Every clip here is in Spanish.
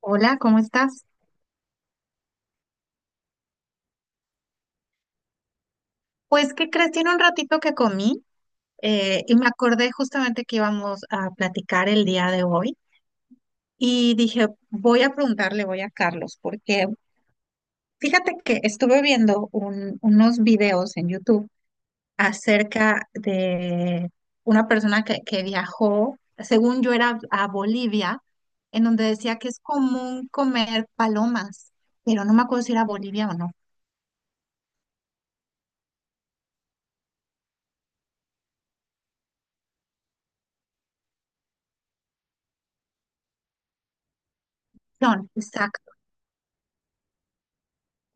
Hola, ¿cómo estás? Pues, ¿qué crees? Tiene un ratito que comí, y me acordé justamente que íbamos a platicar el día de hoy y dije, voy a preguntarle, voy a Carlos, porque fíjate que estuve viendo unos videos en YouTube acerca de una persona que viajó, según yo era a Bolivia, en donde decía que es común comer palomas, pero no me acuerdo si era Bolivia o no. Exacto.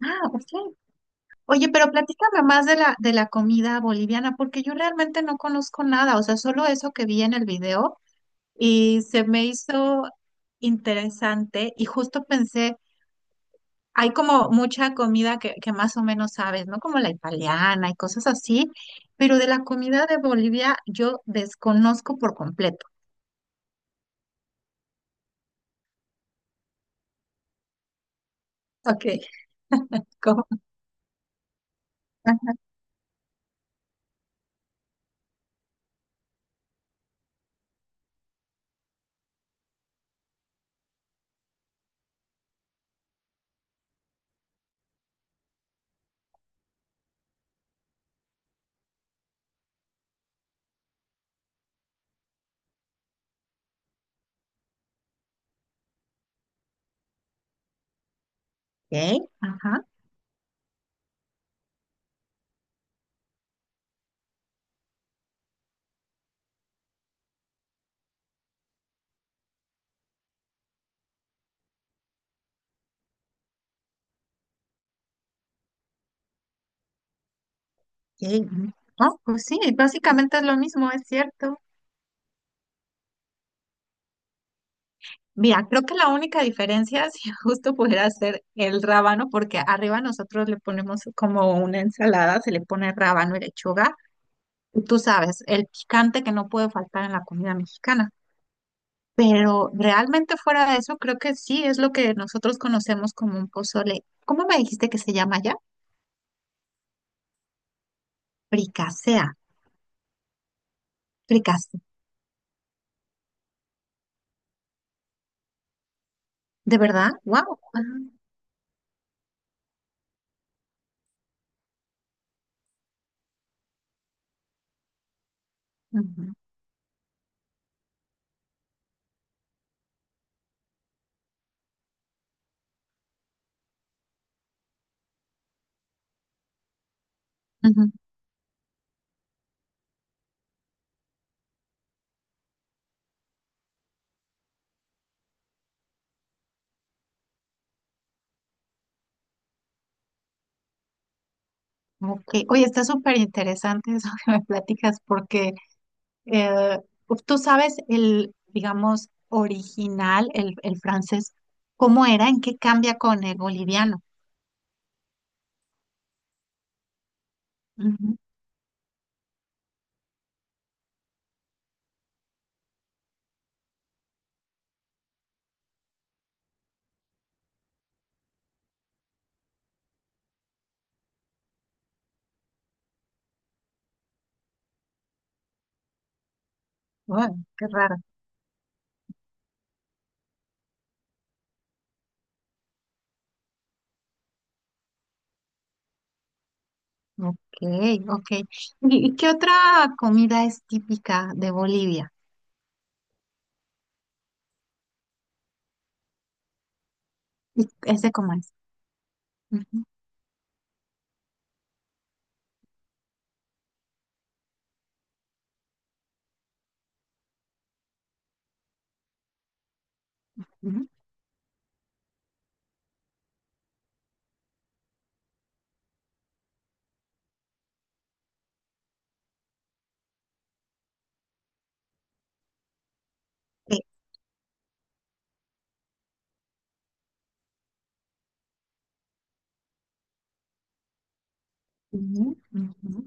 Ah, ok. Oye, pero platícame más de la comida boliviana, porque yo realmente no conozco nada, o sea, solo eso que vi en el video y se me hizo interesante y justo pensé, hay como mucha comida que más o menos sabes, ¿no? Como la italiana y cosas así, pero de la comida de Bolivia yo desconozco por completo. Ok, ¿cómo? Ok, ajá. Ok, ujú. No, pues sí, básicamente es lo mismo, es cierto. Mira, creo que la única diferencia, si justo pudiera ser el rábano, porque arriba nosotros le ponemos como una ensalada, se le pone rábano y lechuga. Y tú sabes, el picante que no puede faltar en la comida mexicana. Pero realmente fuera de eso, creo que sí es lo que nosotros conocemos como un pozole. ¿Cómo me dijiste que se llama ya? Fricasea. Fricasea. ¿De verdad? ¡Wow! Ujú, ujú. Ok. Oye, está súper interesante eso que me platicas porque. Eh, ¿Tú sabes el, digamos, original, el francés, cómo era? ¿En qué cambia con el boliviano? Ujú. Bueno, qué raro. Ok, ok. Y qué otra comida es típica de Bolivia? ¿Y ese cómo es? Ujú, ujú. Eh, ujú, ujú.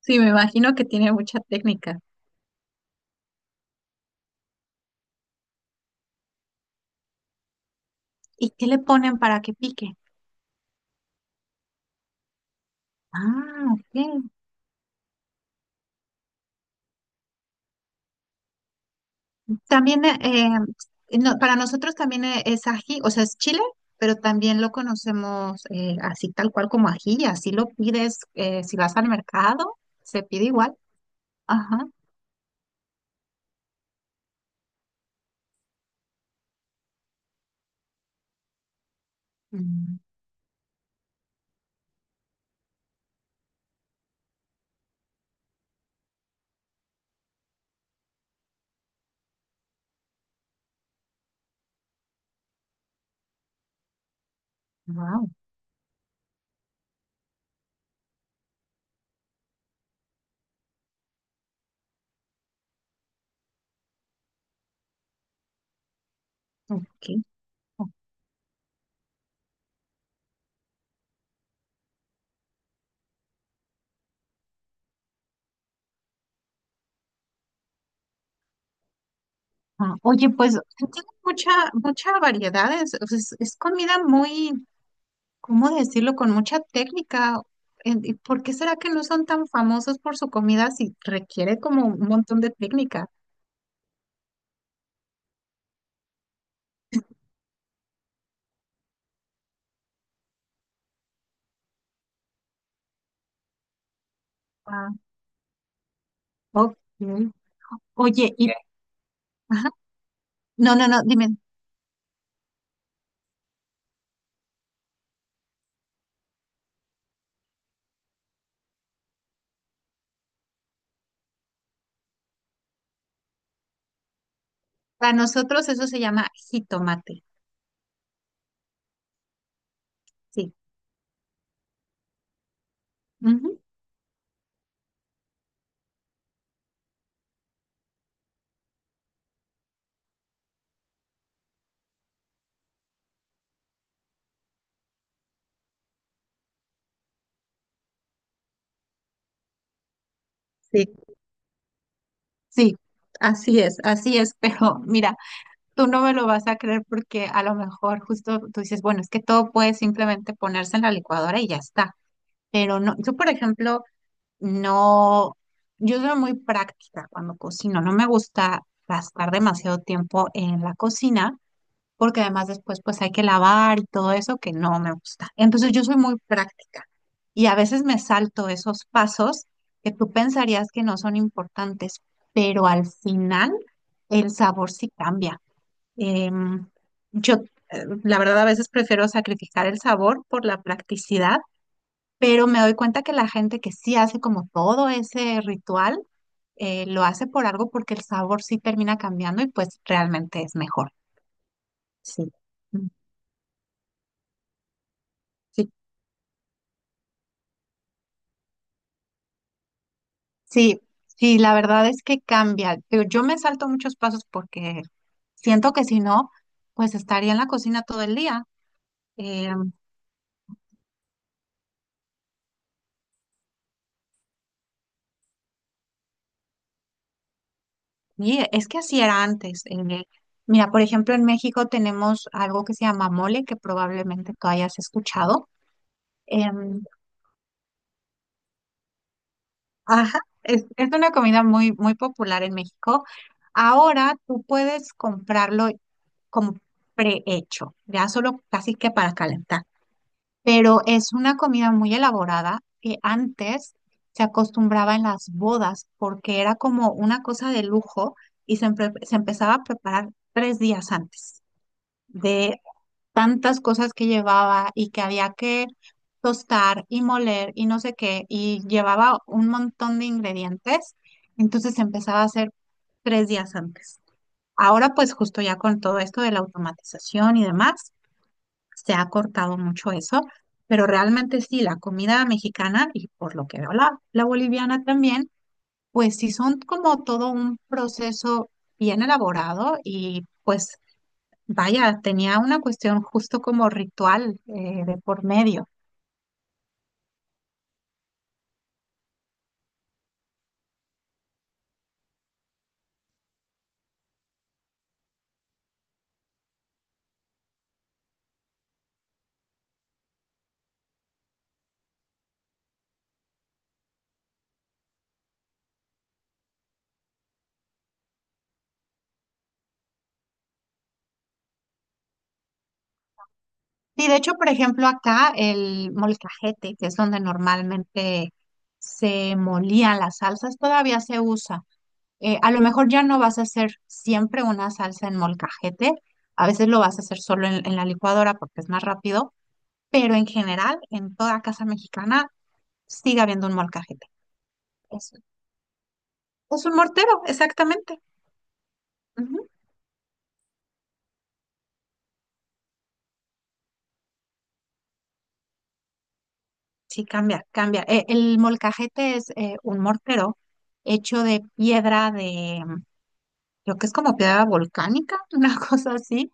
Sí, me imagino que tiene mucha técnica. ¿Y qué le ponen para que pique? Ah, ok. También, no, para nosotros también, es ají, o sea, es chile, pero también lo conocemos, así tal cual como ají, así lo pides, si vas al mercado, se pide igual. Ajá. Wow, ok. Ah, oye, pues tiene mucha, mucha variedad, es, o sea, es comida muy, ¿cómo decirlo? Con mucha técnica. ¿ ¿Por qué será que no son tan famosos por su comida si requiere como un montón de técnica? Ah, ok. Oye, y ajá. No, no, no, dime. Para nosotros eso se llama jitomate. Sí. Ujú. Sí, sí. Así es, así es. Pero mira, tú no me lo vas a creer porque a lo mejor justo tú dices, bueno, es que todo puede simplemente ponerse en la licuadora y ya está. Pero no, yo por ejemplo, no, yo soy muy práctica cuando cocino. No me gusta gastar demasiado tiempo en la cocina, porque además después pues hay que lavar y todo eso que no me gusta. Entonces yo soy muy práctica y a veces me salto esos pasos que tú pensarías que no son importantes, pero al final el sabor sí cambia. Em, yo, la verdad a veces prefiero sacrificar el sabor por la practicidad, pero me doy cuenta que la gente que sí hace como todo ese ritual, lo hace por algo porque el sabor sí termina cambiando y pues realmente es mejor. Sí. Mm. Sí, sí, sí, la verdad es que cambia. Pero yo me salto muchos pasos porque siento que si no, pues estaría en la cocina todo el día. Eh, y es que así era antes. Mira, por ejemplo, en México tenemos algo que se llama mole, que probablemente tú hayas escuchado. Em, ajá, es una comida muy, muy popular en México. Ahora tú puedes comprarlo como prehecho, ya solo casi que para calentar. Pero es una comida muy elaborada que antes se acostumbraba en las bodas porque era como una cosa de lujo y se empezaba a preparar 3 días antes de tantas cosas que llevaba y que había que tostar y moler y no sé qué y llevaba un montón de ingredientes, entonces se empezaba a hacer 3 días antes. Ahora pues justo ya con todo esto de la automatización y demás se ha cortado mucho eso, pero realmente sí, la comida mexicana y por lo que veo la, la boliviana también, pues sí son como todo un proceso bien elaborado y pues vaya, tenía una cuestión justo como ritual, de por medio. Sí, de hecho, por ejemplo, acá el molcajete, que es donde normalmente se molían las salsas, todavía se usa. Eh, a lo mejor ya no vas a hacer siempre una salsa en molcajete, a veces lo vas a hacer solo en la licuadora porque es más rápido, pero en general, en toda casa mexicana, sigue habiendo un molcajete. Es, es un mortero, exactamente. Ujú. Sí, cambia, cambia. El molcajete es, un mortero hecho de piedra de, creo que es como piedra volcánica, una cosa así.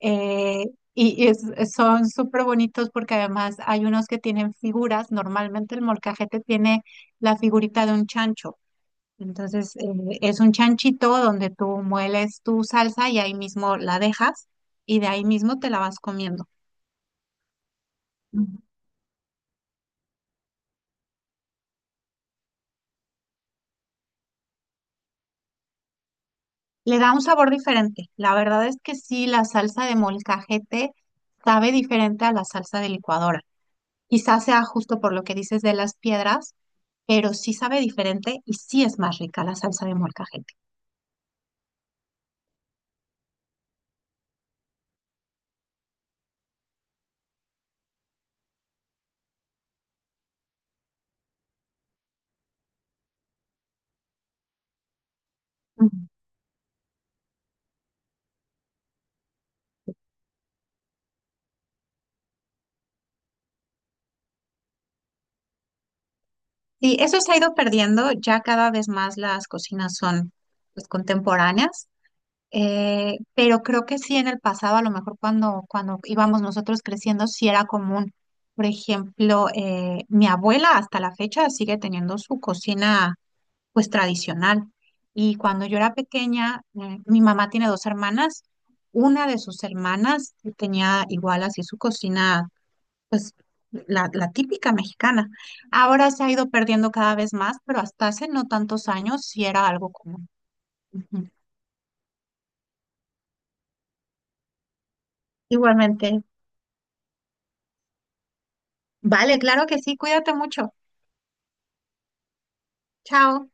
Eh, y y es- son súper bonitos porque además hay unos que tienen figuras. Normalmente el molcajete tiene la figurita de un chancho. Entonces, es un chanchito donde tú mueles tu salsa y ahí mismo la dejas y de ahí mismo te la vas comiendo. Ujú. Le da un sabor diferente. La verdad es que sí, la salsa de molcajete sabe diferente a la salsa de licuadora. Quizás sea justo por lo que dices de las piedras, pero sí sabe diferente y sí es más rica la salsa de molcajete. Ujú. Sí, eso se ha ido perdiendo, ya cada vez más las cocinas son pues, contemporáneas, pero creo que sí en el pasado, a lo mejor cuando, cuando íbamos nosotros creciendo, sí era común. Por ejemplo, mi abuela hasta la fecha sigue teniendo su cocina pues tradicional. Y cuando yo era pequeña, mi mamá tiene 2 hermanas. Una de sus hermanas tenía igual así su cocina, pues la típica mexicana. Ahora se ha ido perdiendo cada vez más, pero hasta hace no tantos años sí era algo común. Ujú. Igualmente. Vale, claro que sí, cuídate mucho. Chao.